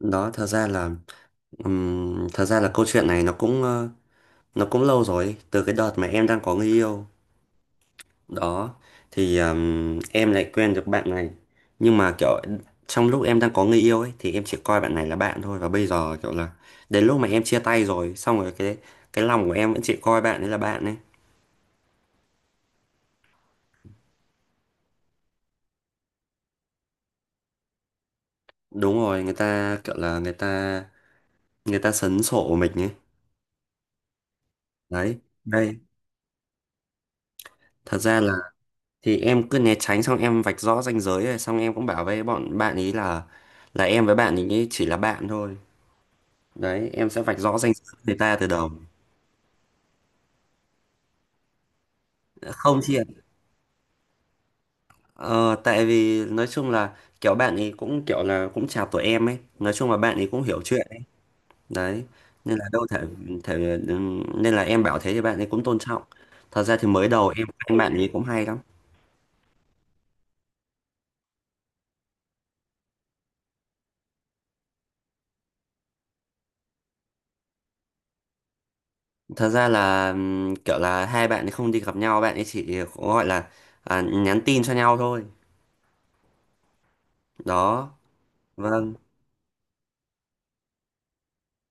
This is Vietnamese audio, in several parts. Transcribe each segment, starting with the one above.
Đó, thật ra là câu chuyện này nó cũng lâu rồi từ cái đợt mà em đang có người yêu đó. Thì em lại quen được bạn này, nhưng mà kiểu trong lúc em đang có người yêu ấy thì em chỉ coi bạn này là bạn thôi. Và bây giờ kiểu là đến lúc mà em chia tay rồi xong rồi cái lòng của em vẫn chỉ coi bạn ấy là bạn ấy. Đúng rồi, người ta kiểu là người ta sấn sổ mình ấy, đấy. Đây. Thật ra là Thì em cứ né tránh, xong em vạch rõ ranh giới, rồi xong em cũng bảo với bọn bạn ý là em với bạn ý chỉ là bạn thôi. Đấy, em sẽ vạch rõ ranh giới với người ta từ đầu. Không chị ạ, ờ, tại vì nói chung là kiểu bạn ý cũng kiểu là cũng chào tuổi em ấy, nói chung là bạn ý cũng hiểu chuyện ấy. Đấy, nên là đâu thể, thể nên là em bảo thế thì bạn ấy cũng tôn trọng. Thật ra thì mới đầu em quen bạn ấy cũng hay lắm. Thật ra là kiểu là hai bạn ấy không đi gặp nhau, bạn ấy chỉ có gọi là nhắn tin cho nhau thôi, đó. Vâng.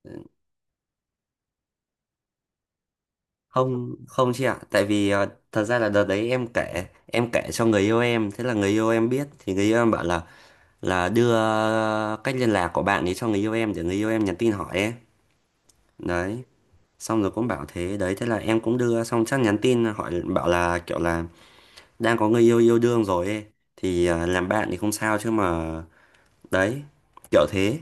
Ừ. Không, không chị ạ, tại vì thật ra là đợt đấy em kể cho người yêu em, thế là người yêu em biết thì người yêu em bảo là đưa cách liên lạc của bạn ấy cho người yêu em để người yêu em nhắn tin hỏi ấy. Đấy, xong rồi cũng bảo thế, đấy thế là em cũng đưa xong chắc nhắn tin hỏi bảo là kiểu là đang có người yêu yêu đương rồi ấy thì làm bạn thì không sao chứ mà, đấy, kiểu thế.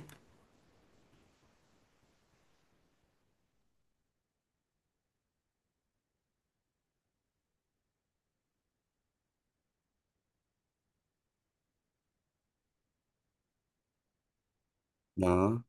Đó,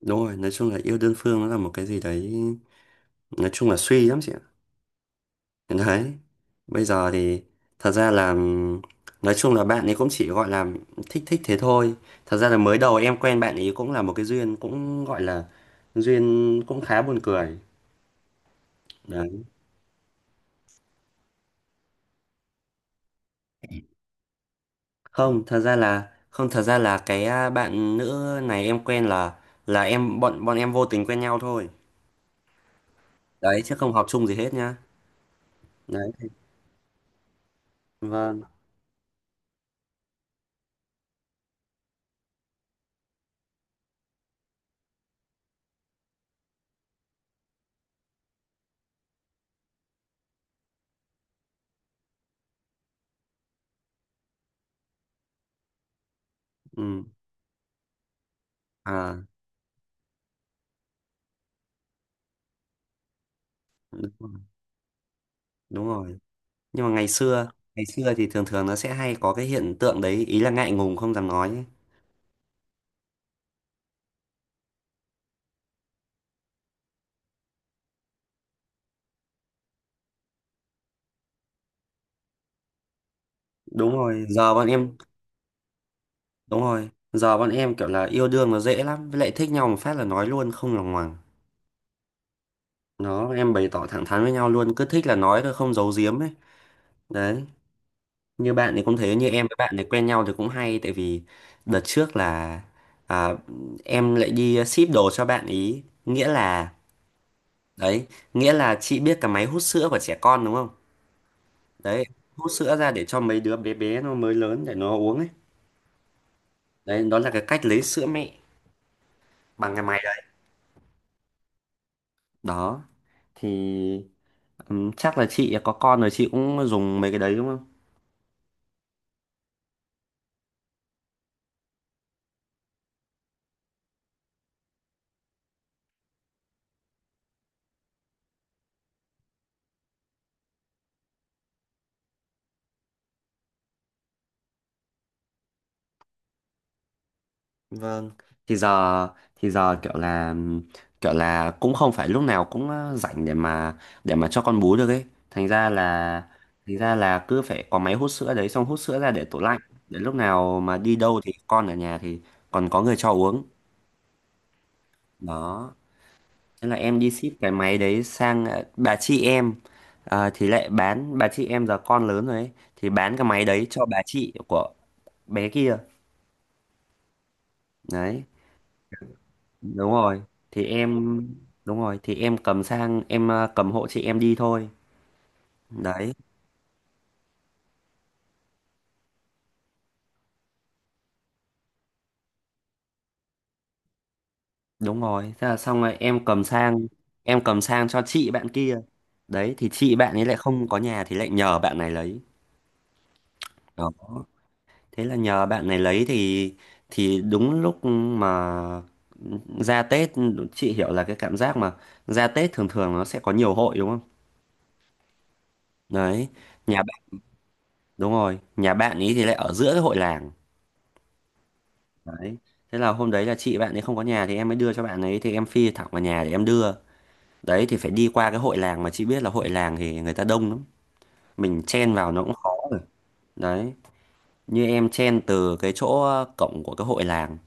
đúng rồi, nói chung là yêu đơn phương nó là một cái gì đấy, nói chung là suy lắm chị ạ. Đấy. Bây giờ thì thật ra là nói chung là bạn ấy cũng chỉ gọi là thích thích thế thôi. Thật ra là mới đầu em quen bạn ấy cũng là một cái duyên, cũng gọi là duyên cũng khá buồn cười. Đấy. Không, thật ra là cái bạn nữ này em quen là em bọn bọn em vô tình quen nhau thôi. Đấy, chứ không học chung gì hết nhá. Đấy. Vâng. Ừ. À, đúng rồi. Đúng rồi. Nhưng mà ngày xưa thì thường thường nó sẽ hay có cái hiện tượng đấy, ý là ngại ngùng không dám nói. Đúng rồi giờ bọn em đúng rồi giờ bọn em kiểu là yêu đương nó dễ lắm, với lại thích nhau một phát là nói luôn không lòng ngoằng. Nó em bày tỏ thẳng thắn với nhau luôn, cứ thích là nói thôi không giấu giếm ấy, đấy. Như bạn thì cũng thế, như em với bạn này quen nhau thì cũng hay, tại vì đợt trước là à, em lại đi ship đồ cho bạn ý, nghĩa là, đấy, nghĩa là chị biết cái máy hút sữa của trẻ con đúng không? Đấy. Hút sữa ra để cho mấy đứa bé bé nó mới lớn để nó uống ấy. Đấy, đó là cái cách lấy sữa mẹ bằng cái máy đấy, đó. Thì chắc là chị có con rồi chị cũng dùng mấy cái đấy đúng không? Vâng. Thì giờ thì giờ kiểu là cũng không phải lúc nào cũng rảnh để mà cho con bú được ấy. Thành ra là thành ra là cứ phải có máy hút sữa đấy, xong hút sữa ra để tủ lạnh. Để lúc nào mà đi đâu thì con ở nhà thì còn có người cho uống. Đó. Thế là em đi ship cái máy đấy sang bà chị em, thì lại bán, bà chị em giờ con lớn rồi ấy, thì bán cái máy đấy cho bà chị của bé kia, đấy. Đúng rồi thì em đúng rồi thì em cầm sang, em cầm hộ chị em đi thôi, đấy. Đúng rồi, thế là xong rồi em cầm sang cho chị bạn kia, đấy. Thì chị bạn ấy lại không có nhà thì lại nhờ bạn này lấy, đó. Thế là nhờ bạn này lấy thì đúng lúc mà ra Tết. Chị hiểu là cái cảm giác mà ra Tết thường thường nó sẽ có nhiều hội đúng không? Đấy, nhà bạn đúng rồi nhà bạn ấy thì lại ở giữa cái hội làng. Đấy. Thế là hôm đấy là chị bạn ấy không có nhà, thì em mới đưa cho bạn ấy, thì em phi thẳng vào nhà để em đưa. Đấy, thì phải đi qua cái hội làng, mà chị biết là hội làng thì người ta đông lắm. Mình chen vào nó cũng khó rồi. Đấy. Như em chen từ cái chỗ cổng của cái hội làng.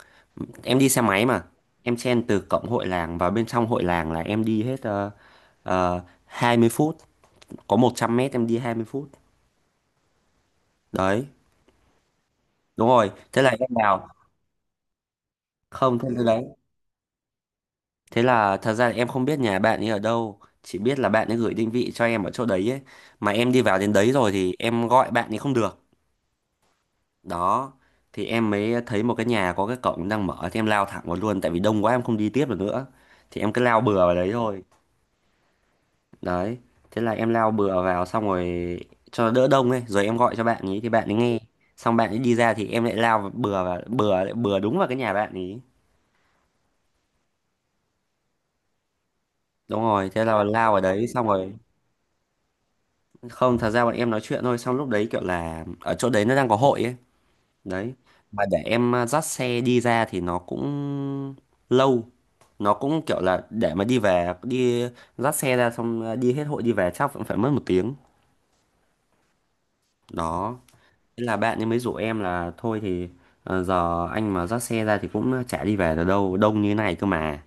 Em đi xe máy mà. Em chen từ cổng hội làng vào bên trong hội làng là em đi hết 20 phút. Có 100 mét em đi 20 phút. Đấy. Đúng rồi. Thế là em vào. Không, thế đấy. Thế là thật ra em không biết nhà bạn ấy ở đâu, chỉ biết là bạn ấy gửi định vị cho em ở chỗ đấy ấy. Mà em đi vào đến đấy rồi thì em gọi bạn ấy không được. Đó, thì em mới thấy một cái nhà có cái cổng đang mở thì em lao thẳng vào luôn, tại vì đông quá em không đi tiếp được nữa. Thì em cứ lao bừa vào đấy thôi. Đấy, thế là em lao bừa vào xong rồi cho đỡ đông ấy, rồi em gọi cho bạn ấy thì bạn ấy nghe. Xong bạn ấy đi ra thì em lại lao bừa vào, bừa bừa đúng vào cái nhà bạn ấy. Đúng rồi, thế là lao vào đấy xong rồi. Không, thật ra bọn em nói chuyện thôi, xong lúc đấy kiểu là ở chỗ đấy nó đang có hội ấy. Đấy. Mà để em dắt xe đi ra thì nó cũng lâu. Nó cũng kiểu là để mà đi về, đi dắt xe ra xong đi hết hội đi về chắc cũng phải mất một tiếng. Đó. Thế là bạn ấy mới rủ em là thôi thì giờ anh mà dắt xe ra thì cũng chả đi về được đâu, đông như thế này cơ mà.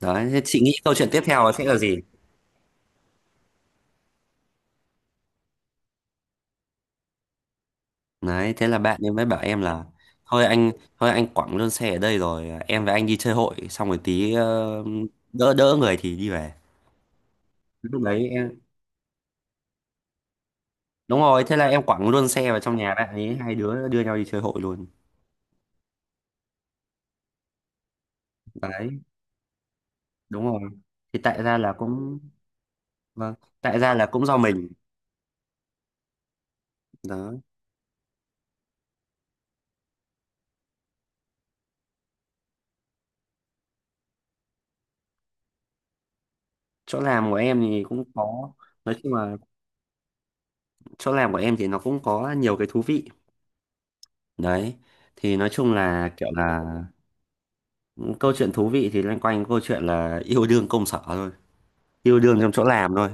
Đấy, thế chị nghĩ câu chuyện tiếp theo sẽ là gì? Đấy, thế là bạn ấy mới bảo em là thôi anh thôi anh quẳng luôn xe ở đây rồi em và anh đi chơi hội, xong rồi tí đỡ đỡ người thì đi về. Lúc đấy em đúng rồi, thế là em quẳng luôn xe vào trong nhà bạn ấy, hai đứa đưa nhau đi chơi hội luôn. Đấy, đúng rồi. Thì tại ra là cũng vâng, tại ra là cũng do mình. Đó. Chỗ làm của em thì cũng có nói chung là chỗ làm của em thì nó cũng có nhiều cái thú vị. Đấy. Thì nói chung là kiểu là câu chuyện thú vị thì loanh quanh câu chuyện là yêu đương công sở thôi, yêu đương trong chỗ làm thôi,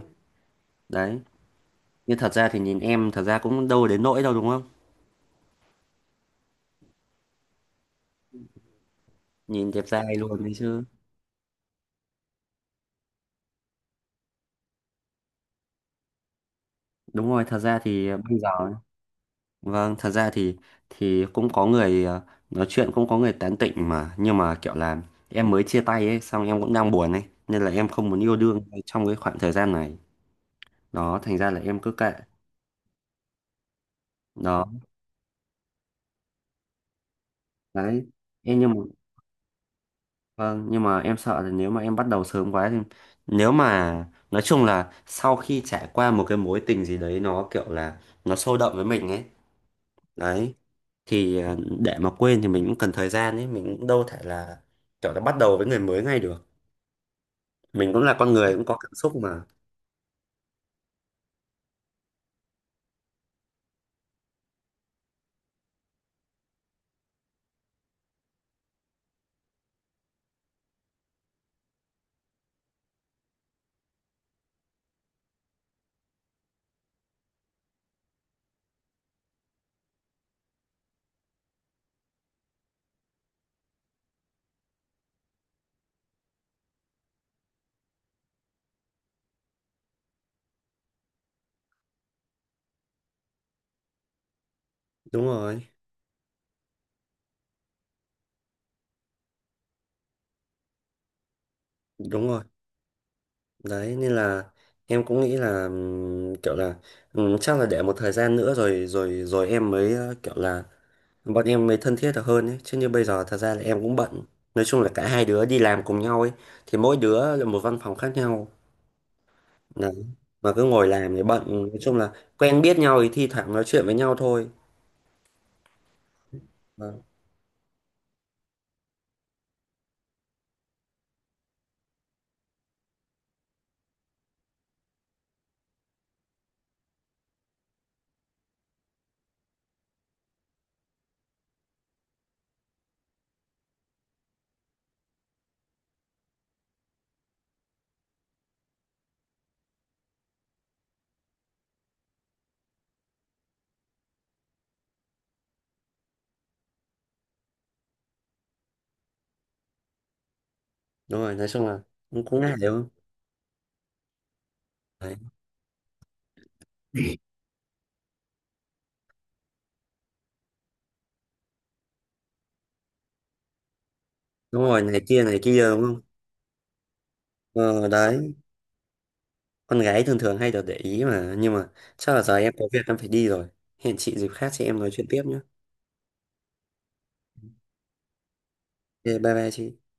đấy. Nhưng thật ra thì nhìn em thật ra cũng đâu đến nỗi đâu đúng không, nhìn đẹp trai luôn đấy chứ. Đúng rồi, thật ra thì bây giờ, vâng, thật ra thì cũng có người nói chuyện, cũng có người tán tỉnh mà, nhưng mà kiểu là em mới chia tay ấy, xong em cũng đang buồn ấy nên là em không muốn yêu đương trong cái khoảng thời gian này, đó, thành ra là em cứ kệ, đó, đấy. Em nhưng mà Vâng, nhưng mà em sợ là nếu mà em bắt đầu sớm quá thì, nếu mà nói chung là sau khi trải qua một cái mối tình gì đấy nó kiểu là nó sôi động với mình ấy, đấy. Thì để mà quên thì mình cũng cần thời gian ấy, mình cũng đâu thể là kiểu là bắt đầu với người mới ngay được. Mình cũng là con người cũng có cảm xúc mà. Đúng rồi, đúng rồi. Đấy nên là em cũng nghĩ là kiểu là chắc là để một thời gian nữa rồi rồi rồi em mới kiểu là bọn em mới thân thiết được hơn ấy. Chứ như bây giờ thật ra là em cũng bận, nói chung là cả hai đứa đi làm cùng nhau ấy thì mỗi đứa là một văn phòng khác nhau, đấy. Mà cứ ngồi làm thì bận, nói chung là quen biết nhau thì thi thoảng nói chuyện với nhau thôi. Vâng. Đúng rồi, nói chung là cũng cũng ngại đúng không? Đấy. Đúng rồi, này kia đúng không? Ờ, Đấy, con gái thường thường hay được để ý mà, nhưng mà chắc là giờ em có việc em phải đi rồi, hẹn chị dịp khác chị em nói chuyện tiếp nhé. Ok, bye bye chị.